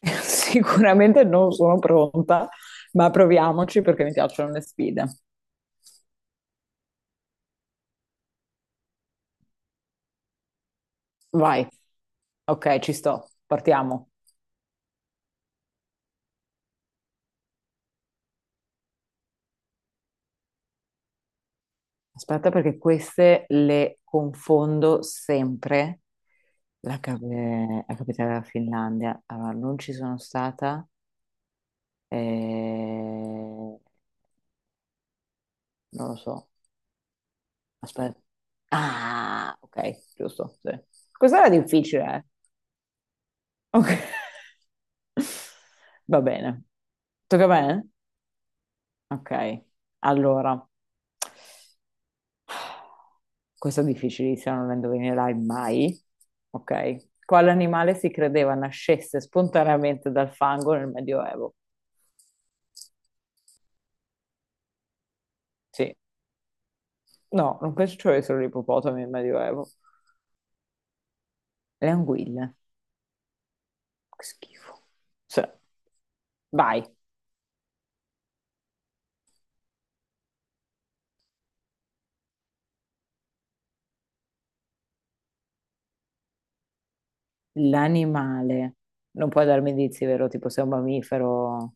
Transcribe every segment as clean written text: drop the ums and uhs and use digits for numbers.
Sicuramente non sono pronta, ma proviamoci perché mi piacciono le sfide. Vai. Ok, ci sto, partiamo. Aspetta perché queste le confondo sempre. La capitale della Finlandia. Allora, non ci sono stata. eh, Non lo so. Aspetta. Ah, ok, giusto. Sì. Questa era difficile, eh. Ok. Va bene. Tocca a me? Ok, allora, questo è difficilissimo, non lo indovinerai mai. Ok, quale animale si credeva nascesse spontaneamente dal fango nel Medioevo? Sì, no, non penso ci fossero solo gli ippopotami nel Medioevo. Le anguille, che schifo. Cioè, vai, l'animale. Non puoi darmi indizi, vero? Tipo se è un mammifero,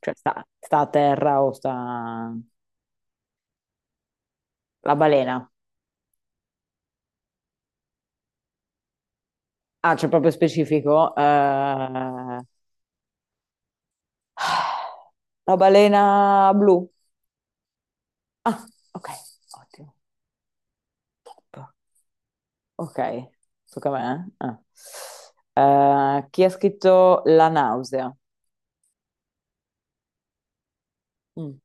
cioè sta a terra o sta... La balena. Ah, c'è proprio specifico. La balena blu. Ah, ok, ottimo. Ok, tocca a me. Eh? Ah. Chi ha scritto La nausea? Mm,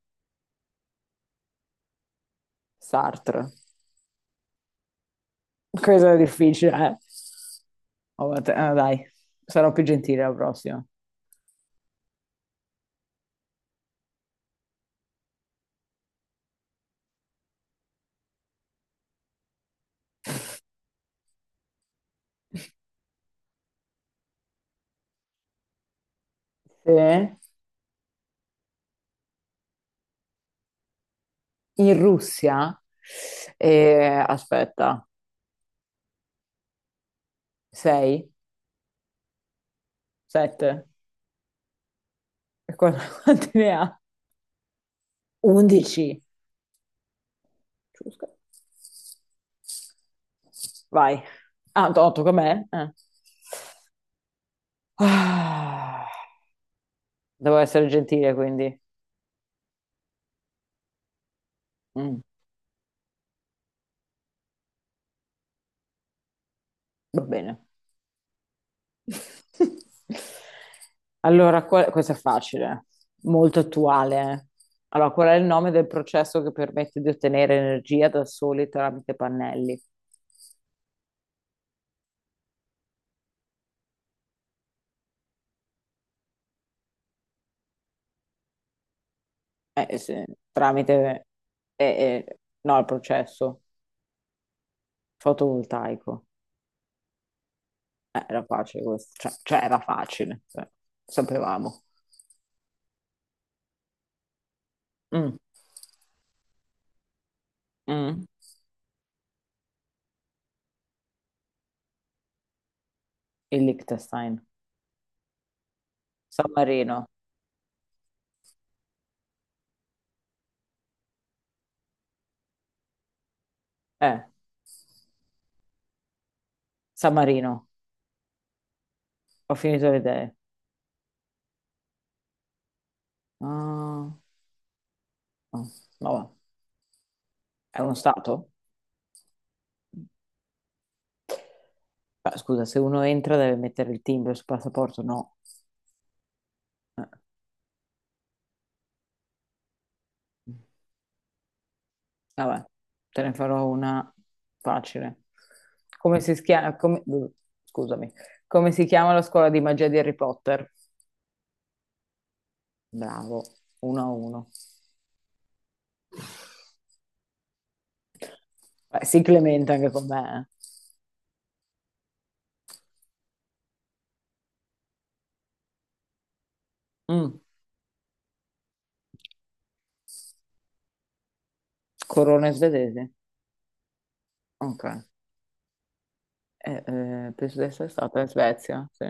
Sartre. Questo è difficile, eh? Oh, vabbè, dai, sarò più gentile la prossima. Sì. In Russia, aspetta, 6, 7, quanti ne ha? 11. Giusto. Vai. Ah, tocca a me? Ah, devo essere gentile, quindi. Mm, va bene. Allora, questo è facile, molto attuale. Eh. Allora, qual è il nome del processo che permette di ottenere energia da soli tramite pannelli? Eh, eh, se- tramite... eh, no, il processo fotovoltaico. Era facile questo, cioè, era facile, cioè, sapevamo. Mm, mm. Il Liechtenstein, San Marino, eh, San Marino, ho finito le idee. Ah, no, vabbè. È uno stato? Beh, scusa, se uno entra deve mettere il timbro sul passaporto, no. Eh, vabbè, te ne farò una facile. Come si schia- come- Scusami. Come si chiama la scuola di magia di Harry Potter? Bravo, uno a uno. Beh, si clementa anche con me. eh. Mm, Corona svedese. Ok. Penso di essere stata in Svezia, sì.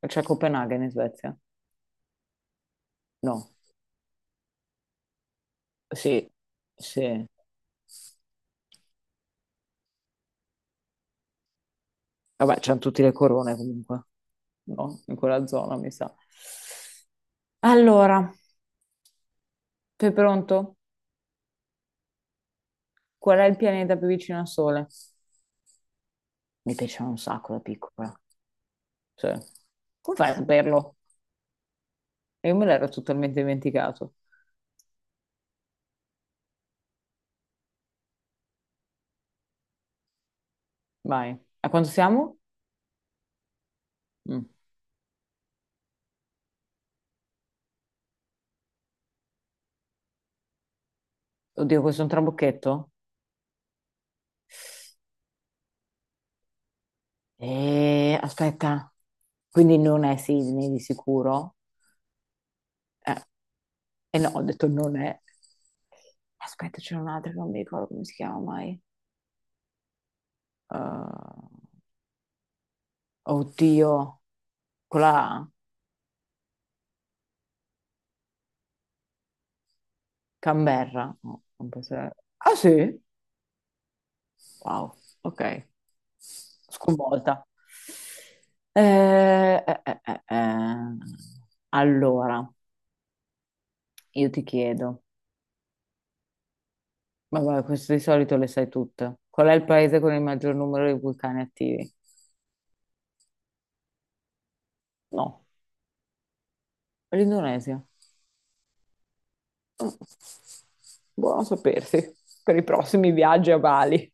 C'è Copenaghen in Svezia? No, sì, sì. Vabbè, c'hanno tutte le corone comunque, no? In quella zona, mi sa. Allora, sei pronto? Qual è il pianeta più vicino al Sole? Mi piaceva un sacco da piccola. Sì. Come fai a saperlo? Io me l'ero totalmente dimenticato. Vai. A quanto siamo? Mm. Oddio, questo è un trabocchetto? Aspetta, quindi non è Sydney di sicuro? Eh, eh no, ho detto non è. Aspetta, c'è un'altra che non mi ricordo come si chiama mai. Eh, oddio, quella Canberra. No, non può essere- Ah sì? Wow, ok. Sconvolta. Eh, eh, eh, eh, eh. Allora, io ti chiedo. Ma guarda, questo di solito le sai tutte. Qual è il paese con il maggior numero di vulcani attivi? No, l'Indonesia. Mm, buono sapersi per i prossimi viaggi a Bali.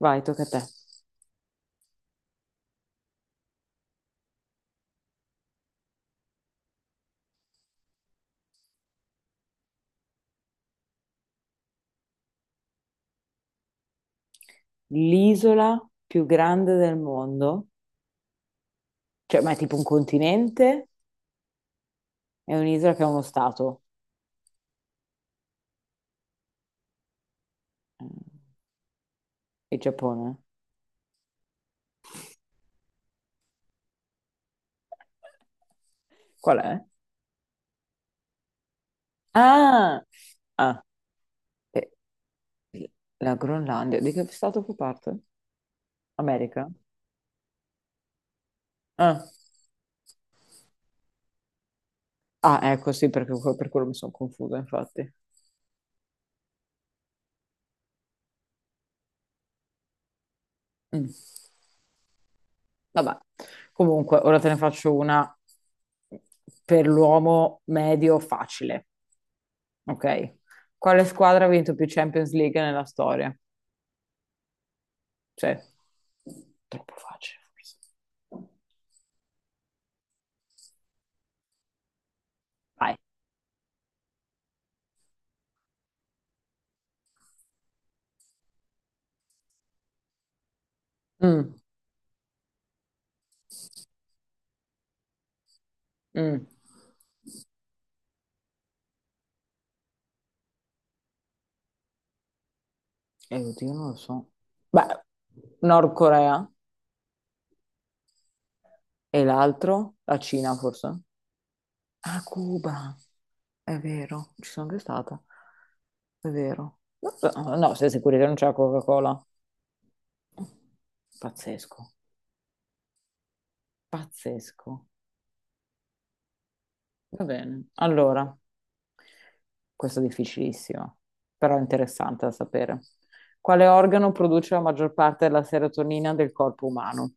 Vai, tocca a te. L'isola più grande del mondo, cioè, ma è tipo un continente? È un'isola che è uno stato. Mm, il Giappone. Qual è? Ah, ah, eh, la Groenlandia. Di che stato fa parte? America? Ah, ah, ecco, sì, perché per quello mi sono confusa, infatti. Mm. Vabbè, comunque, ora te ne faccio una per l'uomo medio facile, ok? Quale squadra ha vinto più Champions League nella storia? Cioè, troppo facile, forse. Vai. Mm, mm. Oddio, non lo so. Beh, Nord Corea e l'altro, la Cina, forse? A Cuba, è vero, ci sono anche stata, è vero. No, no, no, sei sicuri che non c'è la Coca-Cola? Pazzesco. Pazzesco. Va bene. Allora, questo è difficilissimo, però è interessante da sapere. Quale organo produce la maggior parte della serotonina del corpo umano?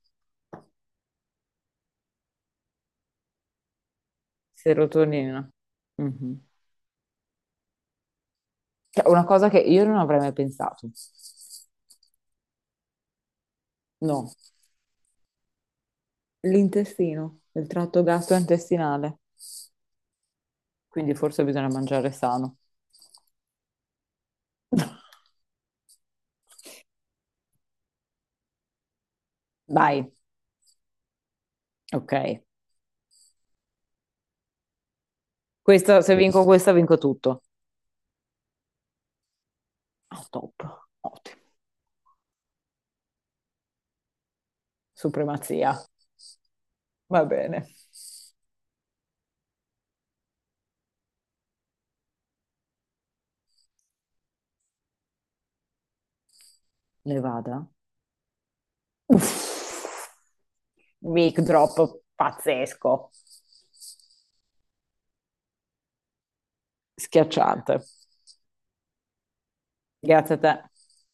Serotonina. Mhm. Cioè, una cosa che io non avrei mai pensato. No. L'intestino, il tratto gastrointestinale. Quindi forse bisogna mangiare sano. Dai, ok. Questa, se vinco questa, vinco tutto. Oh, top. Ottimo. Supremazia. Va bene. Nevada. Uff. Mic drop pazzesco. Schiacciante. Grazie a te.